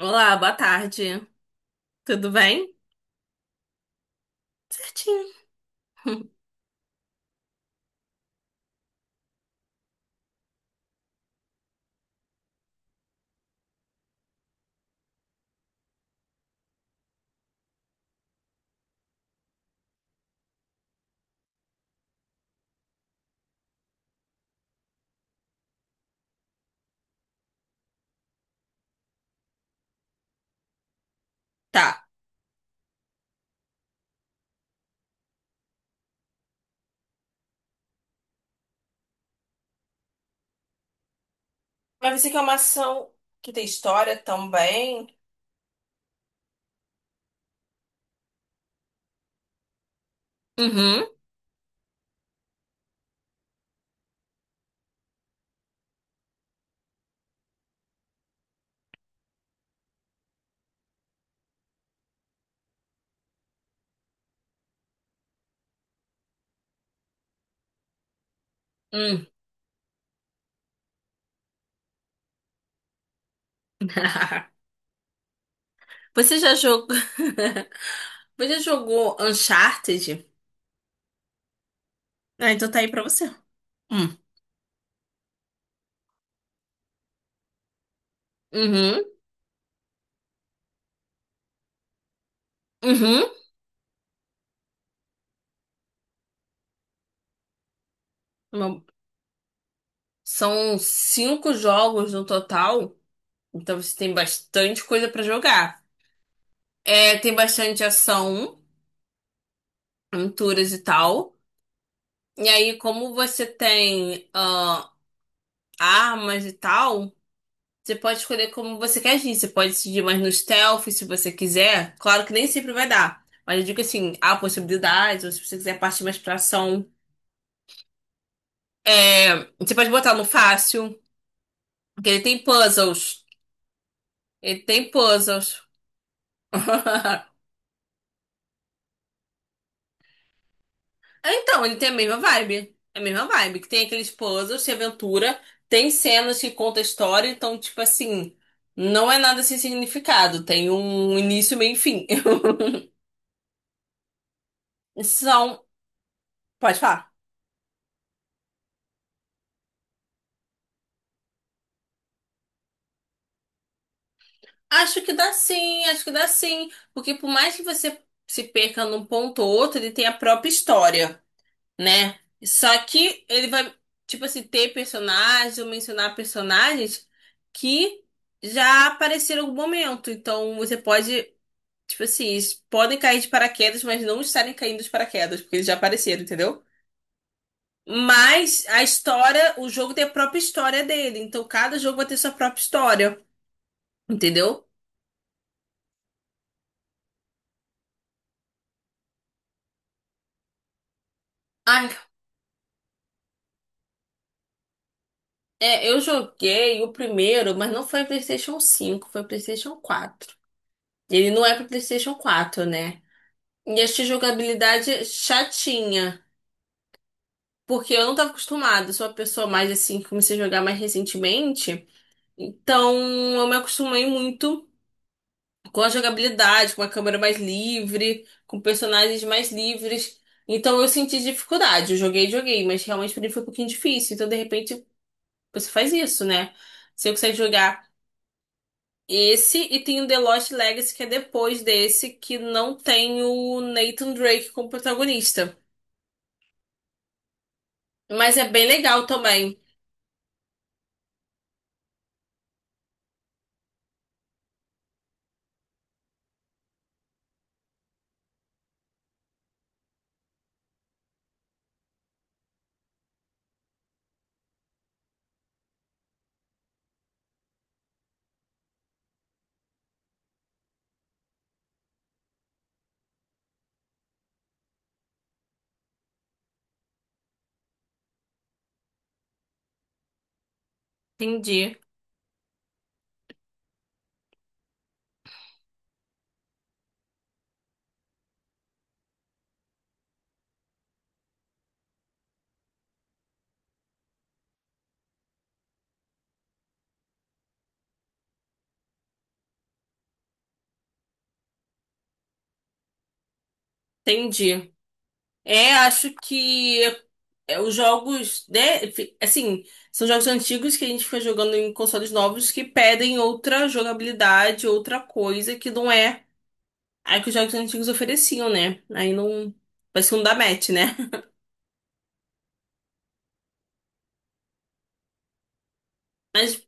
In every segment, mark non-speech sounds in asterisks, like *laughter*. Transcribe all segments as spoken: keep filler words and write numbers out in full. Olá, boa tarde. Tudo bem? Certinho. *laughs* Tá. Mas você quer uma ação que tem história também? Uhum. Hum. *laughs* Você já jogou. *laughs* Você já jogou Uncharted? Ah, então tá aí pra você. Hum. Uhum. Uhum. Uma- São cinco jogos no total. Então você tem bastante coisa pra jogar. É, tem bastante ação, aventuras e tal. E aí, como você tem armas e tal, você pode escolher como você quer agir. Você pode decidir mais no stealth, se você quiser. Claro que nem sempre vai dar. Mas eu digo assim, há possibilidades, ou se você quiser partir mais pra ação. É, você pode botar no fácil, porque ele tem puzzles. Ele tem puzzles. *laughs* Então, ele tem a mesma vibe. É a mesma vibe, que tem aqueles puzzles de aventura, tem cenas que contam a história, então, tipo assim, não é nada sem significado. Tem um início, meio e fim. *laughs* São. Pode falar. Acho que dá sim, acho que dá sim. Porque por mais que você se perca num ponto ou outro, ele tem a própria história, né? Só que ele vai, tipo assim, ter personagens ou mencionar personagens que já apareceram em algum momento. Então você pode, tipo assim, eles podem cair de paraquedas, mas não estarem caindo de paraquedas, porque eles já apareceram, entendeu? Mas a história, o jogo tem a própria história dele. Então cada jogo vai ter sua própria história, entendeu? Ah. É, eu joguei o primeiro, mas não foi PlayStation cinco, foi PlayStation quatro. Ele não é para PlayStation quatro, né? E achei a jogabilidade chatinha, porque eu não tava acostumada, sou uma pessoa mais assim que comecei a jogar mais recentemente, então eu me acostumei muito com a jogabilidade, com a câmera mais livre, com personagens mais livres. Então eu senti dificuldade. Eu joguei, joguei, mas realmente pra mim foi um pouquinho difícil. Então de repente você faz isso, né? Você consegue jogar esse e tem o The Lost Legacy, que é depois desse, que não tem o Nathan Drake como protagonista. Mas é bem legal também. Entendi, entendi. É, acho que é, os jogos, né, fi- assim, são jogos antigos que a gente fica jogando em consoles novos que pedem outra jogabilidade, outra coisa que não é a que os jogos antigos ofereciam, né? Aí não, parece que não dá match, né? *laughs* Mas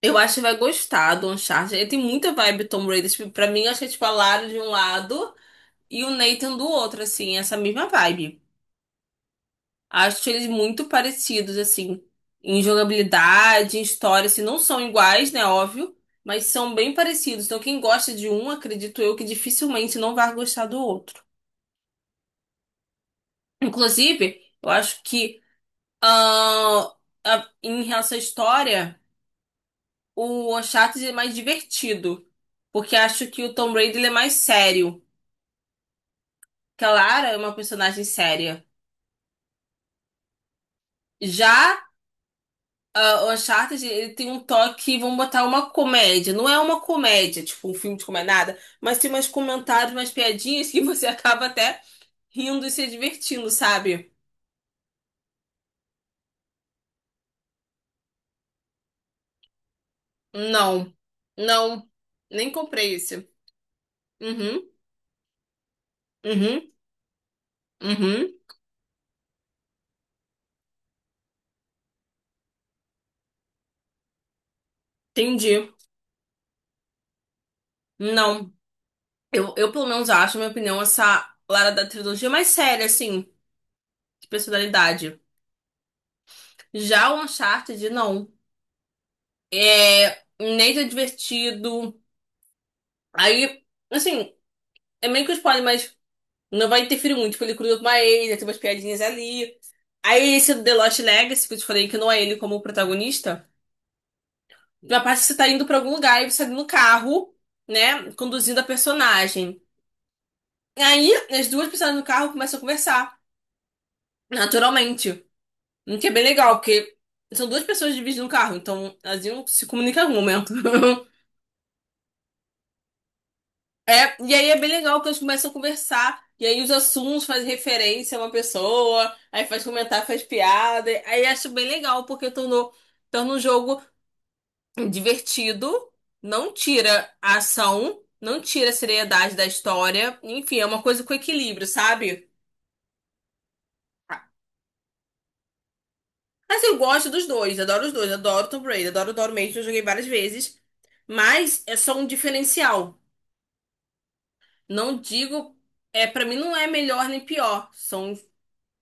eu acho que vai gostar do Uncharted. Ele tem muita vibe Tomb Raider. Tipo, pra mim, acho que é tipo a Lara de um lado e o Nathan do outro, assim, essa mesma vibe. Acho eles muito parecidos, assim, em jogabilidade, em história, assim, não são iguais, né? Óbvio, mas são bem parecidos. Então, quem gosta de um, acredito eu que dificilmente não vai gostar do outro. Inclusive, eu acho que ah, a- em relação à história, o Uncharted é mais divertido. Porque acho que o Tomb Raider ele é mais sério. Que a Lara é uma personagem séria. Já ah, o Uncharted, ele tem um toque, vamos botar uma comédia. Não é uma comédia, tipo um filme de comédia, nada, mas tem umas comentários, umas piadinhas que *laughs* você acaba até rindo e se divertindo, sabe? Não, não, nem comprei esse. Uhum, uhum, uhum, entendi. Não, eu, eu pelo menos acho, na minha opinião, essa Lara da trilogia mais séria, assim, de personalidade. Já o Uncharted, não. É, Nate é divertido. Aí, assim, é meio que um spoiler, mas não vai interferir muito, porque ele cruza com a Ellie, tem umas piadinhas ali. Aí esse do The Lost Legacy, que eu te falei que não é ele como protagonista, na parte que você tá indo pra algum lugar e você tá no carro, né, conduzindo a personagem. Aí as duas pessoas no carro começam a conversar, naturalmente. O que é bem legal, porque são duas pessoas dividindo o carro, então elas iam se comunicar em algum momento. *laughs* É, e aí é bem legal que eles começam a conversar, e aí os assuntos fazem referência a uma pessoa, aí faz comentário, faz piada, aí acho bem legal, porque tornou, torna um jogo divertido, não tira a ação, não tira a seriedade da história, enfim, é uma coisa com equilíbrio, sabe? Mas eu gosto dos dois, adoro os dois, adoro Tomb Raider, adoro Dory Mansion, eu joguei várias vezes, mas é só um diferencial. Não digo, é, para mim não é melhor nem pior, são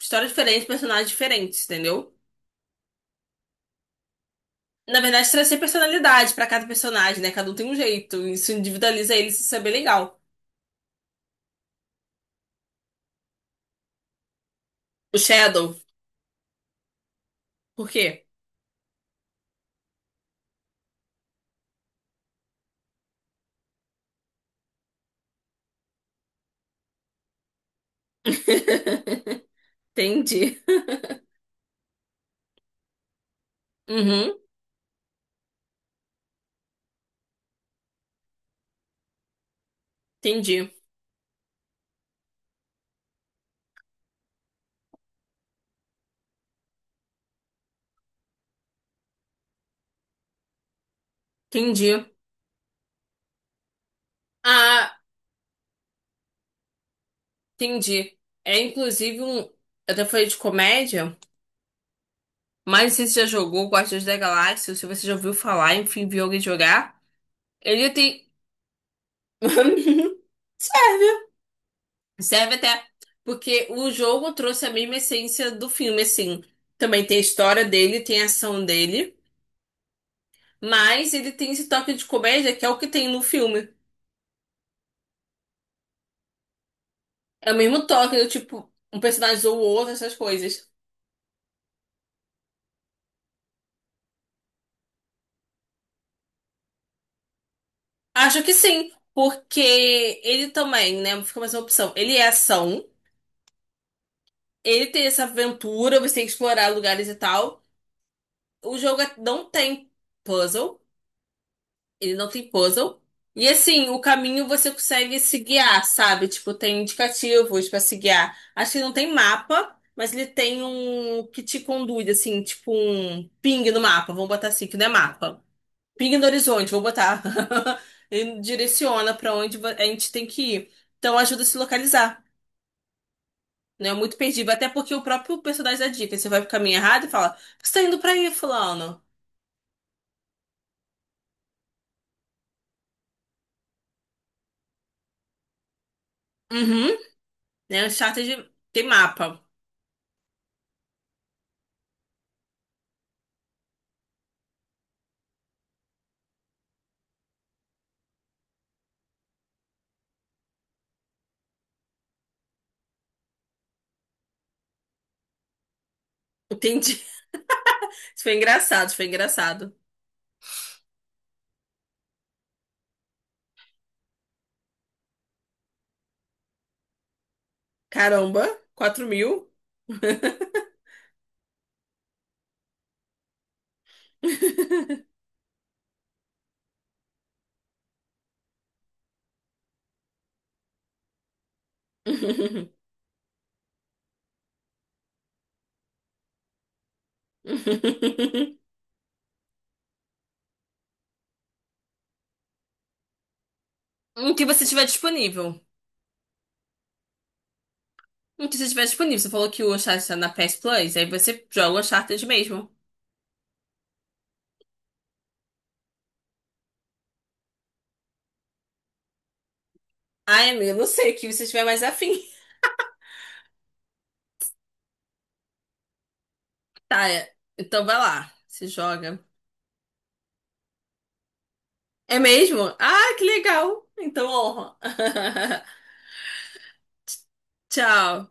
histórias diferentes, personagens diferentes, entendeu? Na verdade, trazer personalidade pra cada personagem, né? Cada um tem um jeito. Isso individualiza eles, isso é bem legal. O Shadow, por quê? *laughs* Entendi. Uhum, entendi. Entendi. Ah, entendi. É inclusive um. Até falei de comédia, mas não sei se você já jogou Guardiões da Galáxia, ou se você já ouviu falar, enfim, viu alguém jogar. Ele tem. *laughs* Serve! Serve até porque o jogo trouxe a mesma essência do filme, assim. Também tem a história dele, tem a ação dele, mas ele tem esse toque de comédia que é o que tem no filme. É o mesmo toque do tipo, um personagem zoa o outro, essas coisas. Acho que sim, porque ele também, né? Fica mais uma opção. Ele é ação, ele tem essa aventura, você tem que explorar lugares e tal. O jogo é- não tem puzzle. Ele não tem puzzle. E assim, o caminho você consegue se guiar, sabe? Tipo, tem indicativos pra se guiar. Acho que não tem mapa, mas ele tem um que te conduz, assim, tipo um ping no mapa. Vamos botar assim, que não é mapa. Ping no horizonte, vou botar. *laughs* Ele direciona pra onde va- a gente tem que ir. Então ajuda a se localizar. Não é muito perdido, até porque o próprio personagem dá dica. Você vai pro caminho errado e fala: Você tá indo pra aí, fulano. Uhum. Né? O Uncharted tem mapa. Entendi. Isso foi engraçado, isso foi engraçado. Caramba, quatro mil? *laughs* O que você tiver disponível. O que você tiver disponível. Você falou que o Uncharted tá na P S Plus, aí você joga o Uncharted mesmo. Ai, amiga, não sei, o que você tiver mais afim. *laughs* Tá, é, então vai lá, se joga. É mesmo? Ah, que legal. Então honra. *laughs* Tchau.